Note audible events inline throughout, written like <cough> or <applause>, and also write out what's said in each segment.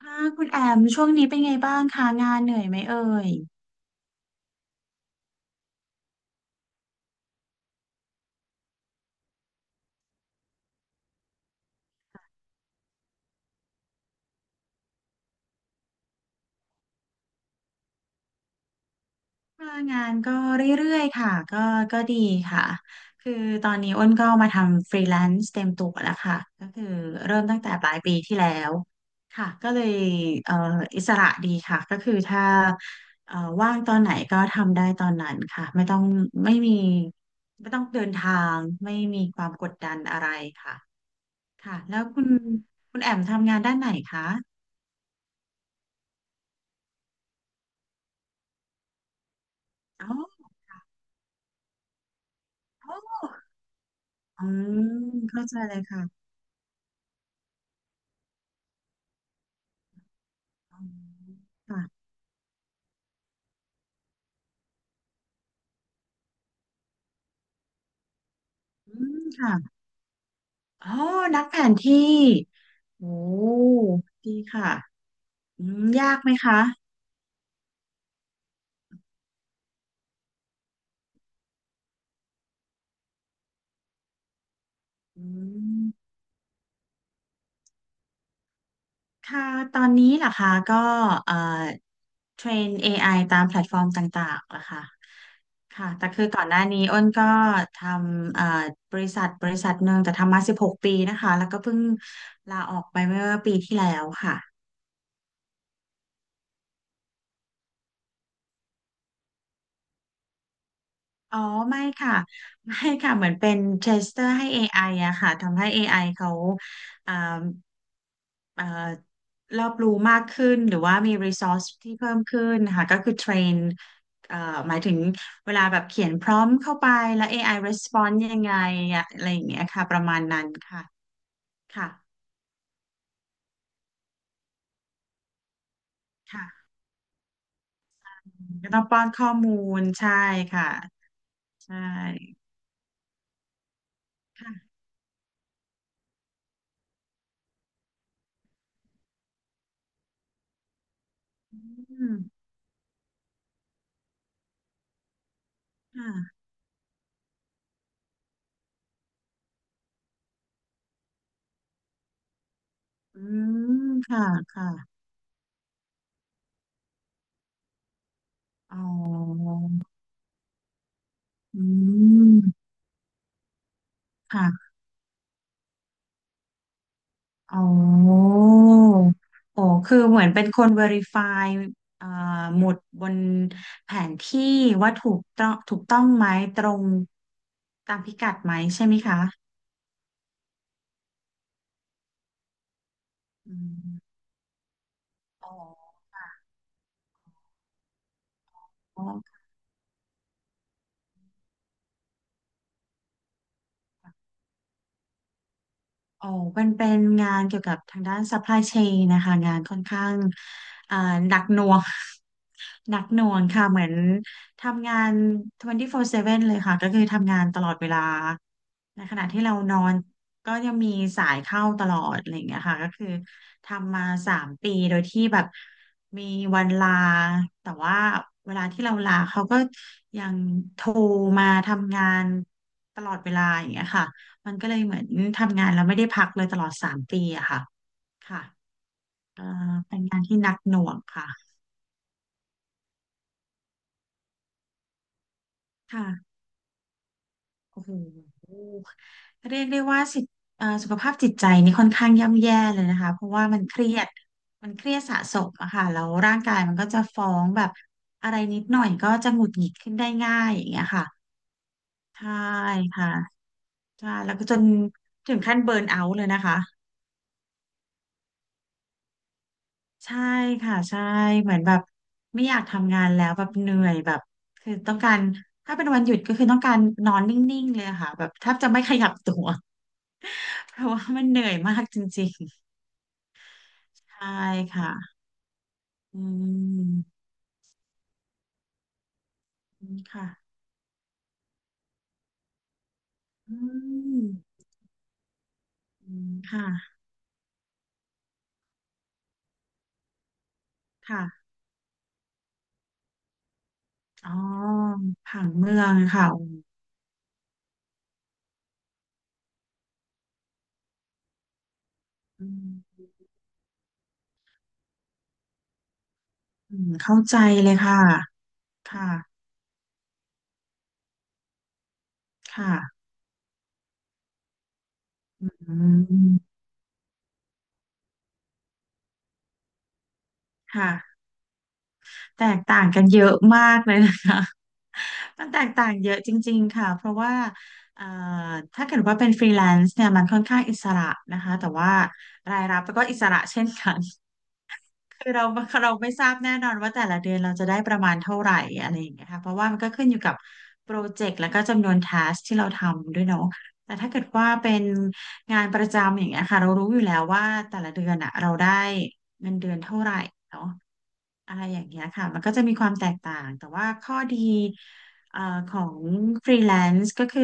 ค่ะคุณแอมช่วงนี้เป็นไงบ้างคะงานเหนื่อยไหมเอ่ยค่ะงานก็เรื่อยๆค่ะก็ดีค่ะคือตอนนี้อ้นก็มาทำฟรีแลนซ์เต็มตัวแล้วค่ะก็คือเริ่มตั้งแต่ปลายปีที่แล้วค่ะก็เลยเอ่ออิสระดีค่ะก็คือถ้าเอ่อว่างตอนไหนก็ทำได้ตอนนั้นค่ะไม่มีไม่ต้องเดินทางไม่มีความกดดันอะไรค่ะค่ะแล้วคุณแอมทำงานด้านไหนคะอ๋อ อืมเข้าใจเลยค่ะอืมค่ะอืมค่ะอ๋อนักแผนที่โอ้ดีค่ะอืมยากไหมคะอืมค่ะตอนนี้ล่ะคะก็เอ่อเทรน AI ตามแพลตฟอร์มต่างๆล่ะค่ะค่ะแต่คือก่อนหน้านี้อ้นก็ทำบริษัทหนึ่งแต่ทำมา16 ปีนะคะแล้วก็เพิ่งลาออกไปเมื่อปีที่แล้วค่ะ อ๋อไม่ค่ะไม่ค่ะเหมือนเป็นเทสเตอร์ให้ AI อไออะค่ะทำให้ AI เขาอ่าเอ่อรอบรู้มากขึ้นหรือว่ามี resource ที่เพิ่มขึ้นค่ะก็คือเทรนเอ่อหมายถึงเวลาแบบเขียนพร้อมเข้าไปแล้ว AI response ยังไงอะอะไรอย่างเงี้ยค่ะประมาณนั้นค่ะค่ะค่ะก็ต้องป้อนข้อมูลใช่ค่ะใช่ค่ะอืมค่ะอืมค่ะค่ะอ๋อ อืมค่ะอ๋อโอ้คือเหมือนเป็นคน verify เอ่อหมุดบนแผนที่ว่าถูกต้องไหมตรงตามพิกัดไหมใช่ไหมคะอืมอ๋อ อ๋อเป็นงานเกี่ยวกับทางด้าน supply chain นะคะงานค่อนข้างอ่าหนักหน่วง <laughs> หนักหน่วงค่ะเหมือนทำงาน24/7เซเว่นเลยค่ะ ก็คือทำงานตลอดเวลา ในขณะที่เรานอนก็ยังมีสายเข้าตลอดอะไรอย่างเงี้ยค่ะก็คือทำมาสามปีโดยที่แบบมีวันลา แต่ว่าเวลาที่เราลาเขาก็ยังโทรมาทำงานตลอดเวลาอย่างเงี้ยค่ะ มันก็เลยเหมือนทำงานแล้วไม่ได้พักเลยตลอดสามปีอะค่ะค่ะเอ่เป็นงานที่หนักหน่วงค่ะค่ะโอ้โหเรียกได้ว่าสิสุขภาพจิตใจนี่ค่อนข้างย่ำแย่เลยนะคะเพราะว่ามันเครียดมันเครียดสะสมอะค่ะแล้วร่างกายมันก็จะฟ้องแบบอะไรนิดหน่อยก็จะหงุดหงิดขึ้นได้ง่ายอย่างเงี้ยค่ะใช่ค่ะใช่แล้วก็จนถึงขั้นเบิร์นเอาท์เลยนะคะ ใช่ค่ะใช่เหมือนแบบไม่อยากทำงานแล้วแบบเหนื่อยแบบคือต้องการถ้าเป็นวันหยุดก็คือต้องการนอนนิ่งๆเลยอะค่ะแบบแทบจะไม่ขยับตัว <laughs> เพราะว่ามันเหนื่อยมากจริงๆใช่ค่ะอืมค่ะอืมอืมค่ะค่ะอ๋อผังเมืองค่ะอืมอืมเข้าใจเลยค่ะค่ะค่ะอืมค่ะ แตกต่างกันเยอะมากเลยนะคะ <laughs> มันแตกต่างเยอะจริงๆค่ะ เพราะว่าเอ่อถ้าเกิดว่าเป็นฟรีแลนซ์เนี่ยมันค่อนข้างอิสระนะคะ แต่ว่า คือเราไม่ทราบแน่นอนว่าแต่ละเดือนเราจะได้ประมาณเท่าไหร่อะไรอย่างเงี้ยค่ะเพราะว่ามันก็ขึ้นอยู่กับโปรเจกต์แล้วก็จำนวนทัสที่เราทำด้วยเนาะแต่ถ้าเกิดว่าเป็นงานประจำอย่างเงี้ยค่ะเรารู้อยู่แล้วว่าแต่ละเดือนอะเราได้เงินเดือนเท่าไหร่เนาะอะไรอย่างเงี้ยค่ะมันก็จะมีความแตกต่างแต่ว่าข้อดีเอ่อของฟรีแลนซ์ก็คือ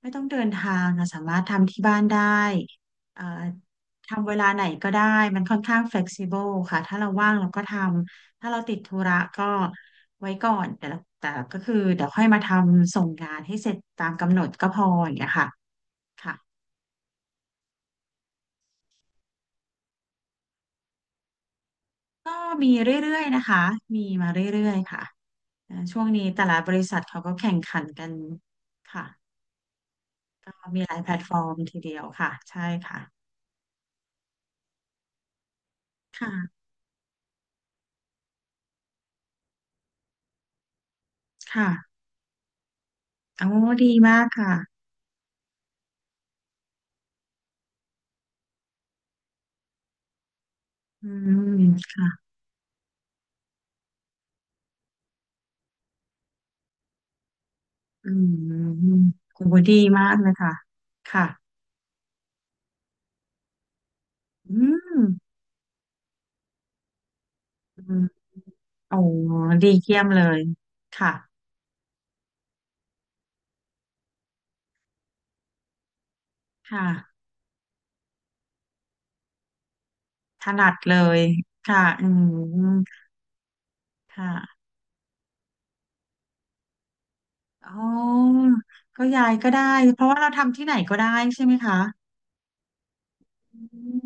ไม่ต้องเดินทางเราสามารถทำที่บ้านได้เอ่อ ทำเวลาไหนก็ได้มันค่อนข้าง flexible ค่ะถ้าเราว่างเราก็ทำถ้าเราติดธุระก็ไว้ก่อนแต่ละแต่ก็คือเดี๋ยวค่อยมาทำส่งงานให้เสร็จตามกำหนดก็พออย่างเงี้ยค่ะค่ะก็มีเรื่อยๆนะคะมีมาเรื่อยๆค่ะช่วงนี้แต่ละบริษัทเขาก็แข่งขันกันค่ะมีหลายแพลตฟอร์มทีเดียวค่ะใช่ค่ะค่ะค่ะโอ้ดีมากค่ะอืมค่ะอืมคุณบูดดีมากเลยค่ะค่ะ อืมอืมโอ้ดีเยี่ยมเลยค่ะค่ะถนัดเลยค่ะอืมค่ะอ๋อก็ยายก็ได้ เพราะว่าเราทำที่ไหนก็ได้ใช่ไหมคะอื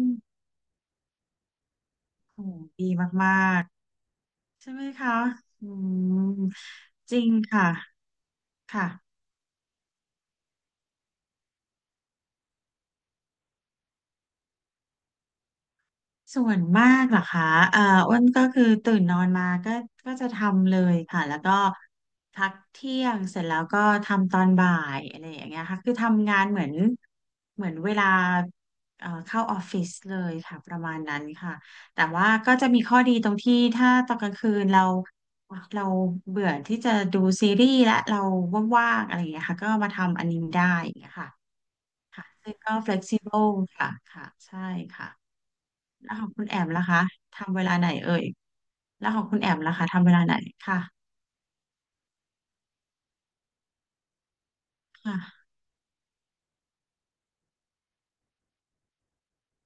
มโหดีมากๆใช่ไหมคะอืมจริงค่ะ ค่ะ ส่วนมากเหรอคะเอ่ออ้วนก็คือตื่นนอนมาก็จะทำเลยค่ะแล้วก็พักเที่ยงเสร็จแล้วก็ทำตอนบ่ายอะไรอย่างเงี้ยค่ะคือทำงานเหมือนเวลาเข้าออฟฟิศเลยค่ะประมาณนั้นค่ะแต่ว่าก็จะมีข้อดีตรงที่ถ้าตอนกลางคืนเราเบื่อที่จะดูซีรีส์และเราว่างๆอะไรอย่างเงี้ยค่ะก็มาทำอันนี้ได้อย่างเงี้ยค่ะค่ะซึ่งก็ flexible ค่ะค่ะใช่ค่ะ แล้วของคุณแอมล่ะคะทำเวลาไหนเอ่ยแล้วของคุณแอมล่ะคะทำเวลาไหนค่ะค่ะ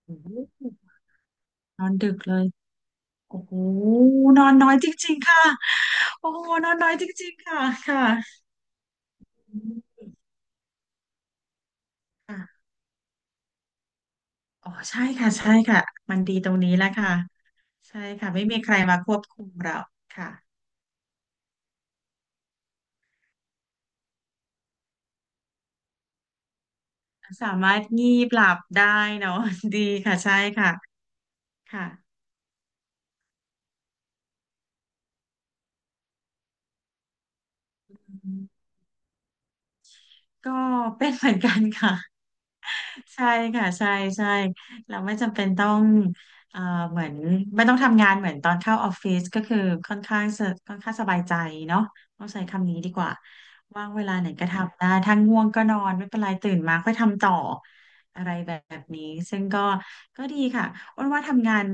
โอ้โหนอนดึกเลยโอ้โหนอนน้อยจริงๆค่ะโอ้โหนอนน้อยจริงๆค่ะค่ะอืมค่ะอ๋อใช่ค่ะใช่ค่ะมันดีตรงนี้แหละค่ะใช่ค่ะไม่มีใครมาควบคุมเราค่ะสามารถงีบหลับได้เนาะ <laughs> ดีค่ะใช่ค่ะค่ะอืมก็เป็นเหมือนกันค่ะ ใช่ค่ะใช่ใช่เราไม่จำเป็นต้องเอ่อเหมือนไม่ต้องทำงานเหมือนตอนเข้าออฟฟิศก็คือค่อนข้างสบายใจเนาะต้องใช้คำนี้ดีกว่าว่างเวลาไหนก็ทำได้ถ้าง่วงก็นอนไม่เป็นไรตื่นมาค่อยทำต่ออะไรแบบนี้ซึ่งก็ดีค่ะอ้วนว่าทำงาน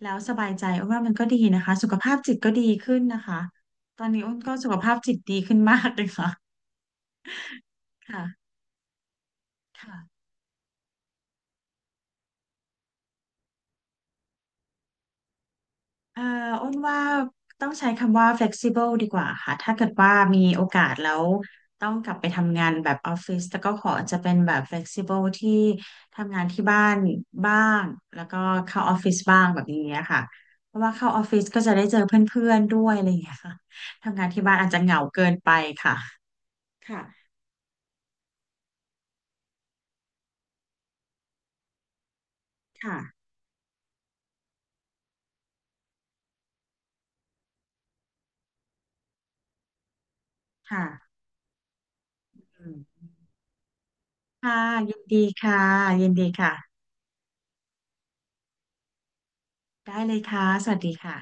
แล้วสบายใจอ้วนว่ามันก็ดีนะคะสุขภาพจิตก็ดีขึ้นนะคะตอนนี้อ้วนก็สุขภาพจิตดีขึ้นมากเลยค่ะค่ะค่ะ เอ่ออ้นว่าต้องใช้คำว่า flexible ดีกว่าค่ะถ้าเกิดว่ามีโอกาสแล้วต้องกลับไปทำงานแบบออฟฟิศแต่ก็ขอจะเป็นแบบ flexible ที่ทำงานที่บ้านบ้างแล้วก็เข้าออฟฟิศบ้างแบบนี้ค่ะเพราะว่าเข้าออฟฟิศก็จะได้เจอเพื่อนๆด้วยอะไรอย่างเงี้ยค่ะทำงานที่บ้านอาจจะเหงาเกินไปค่ะค่ะค่ะค่ะอืมค่ะยินดีค่ะยินดีค่ะได้เลยค่ะสวัสดีค่ะ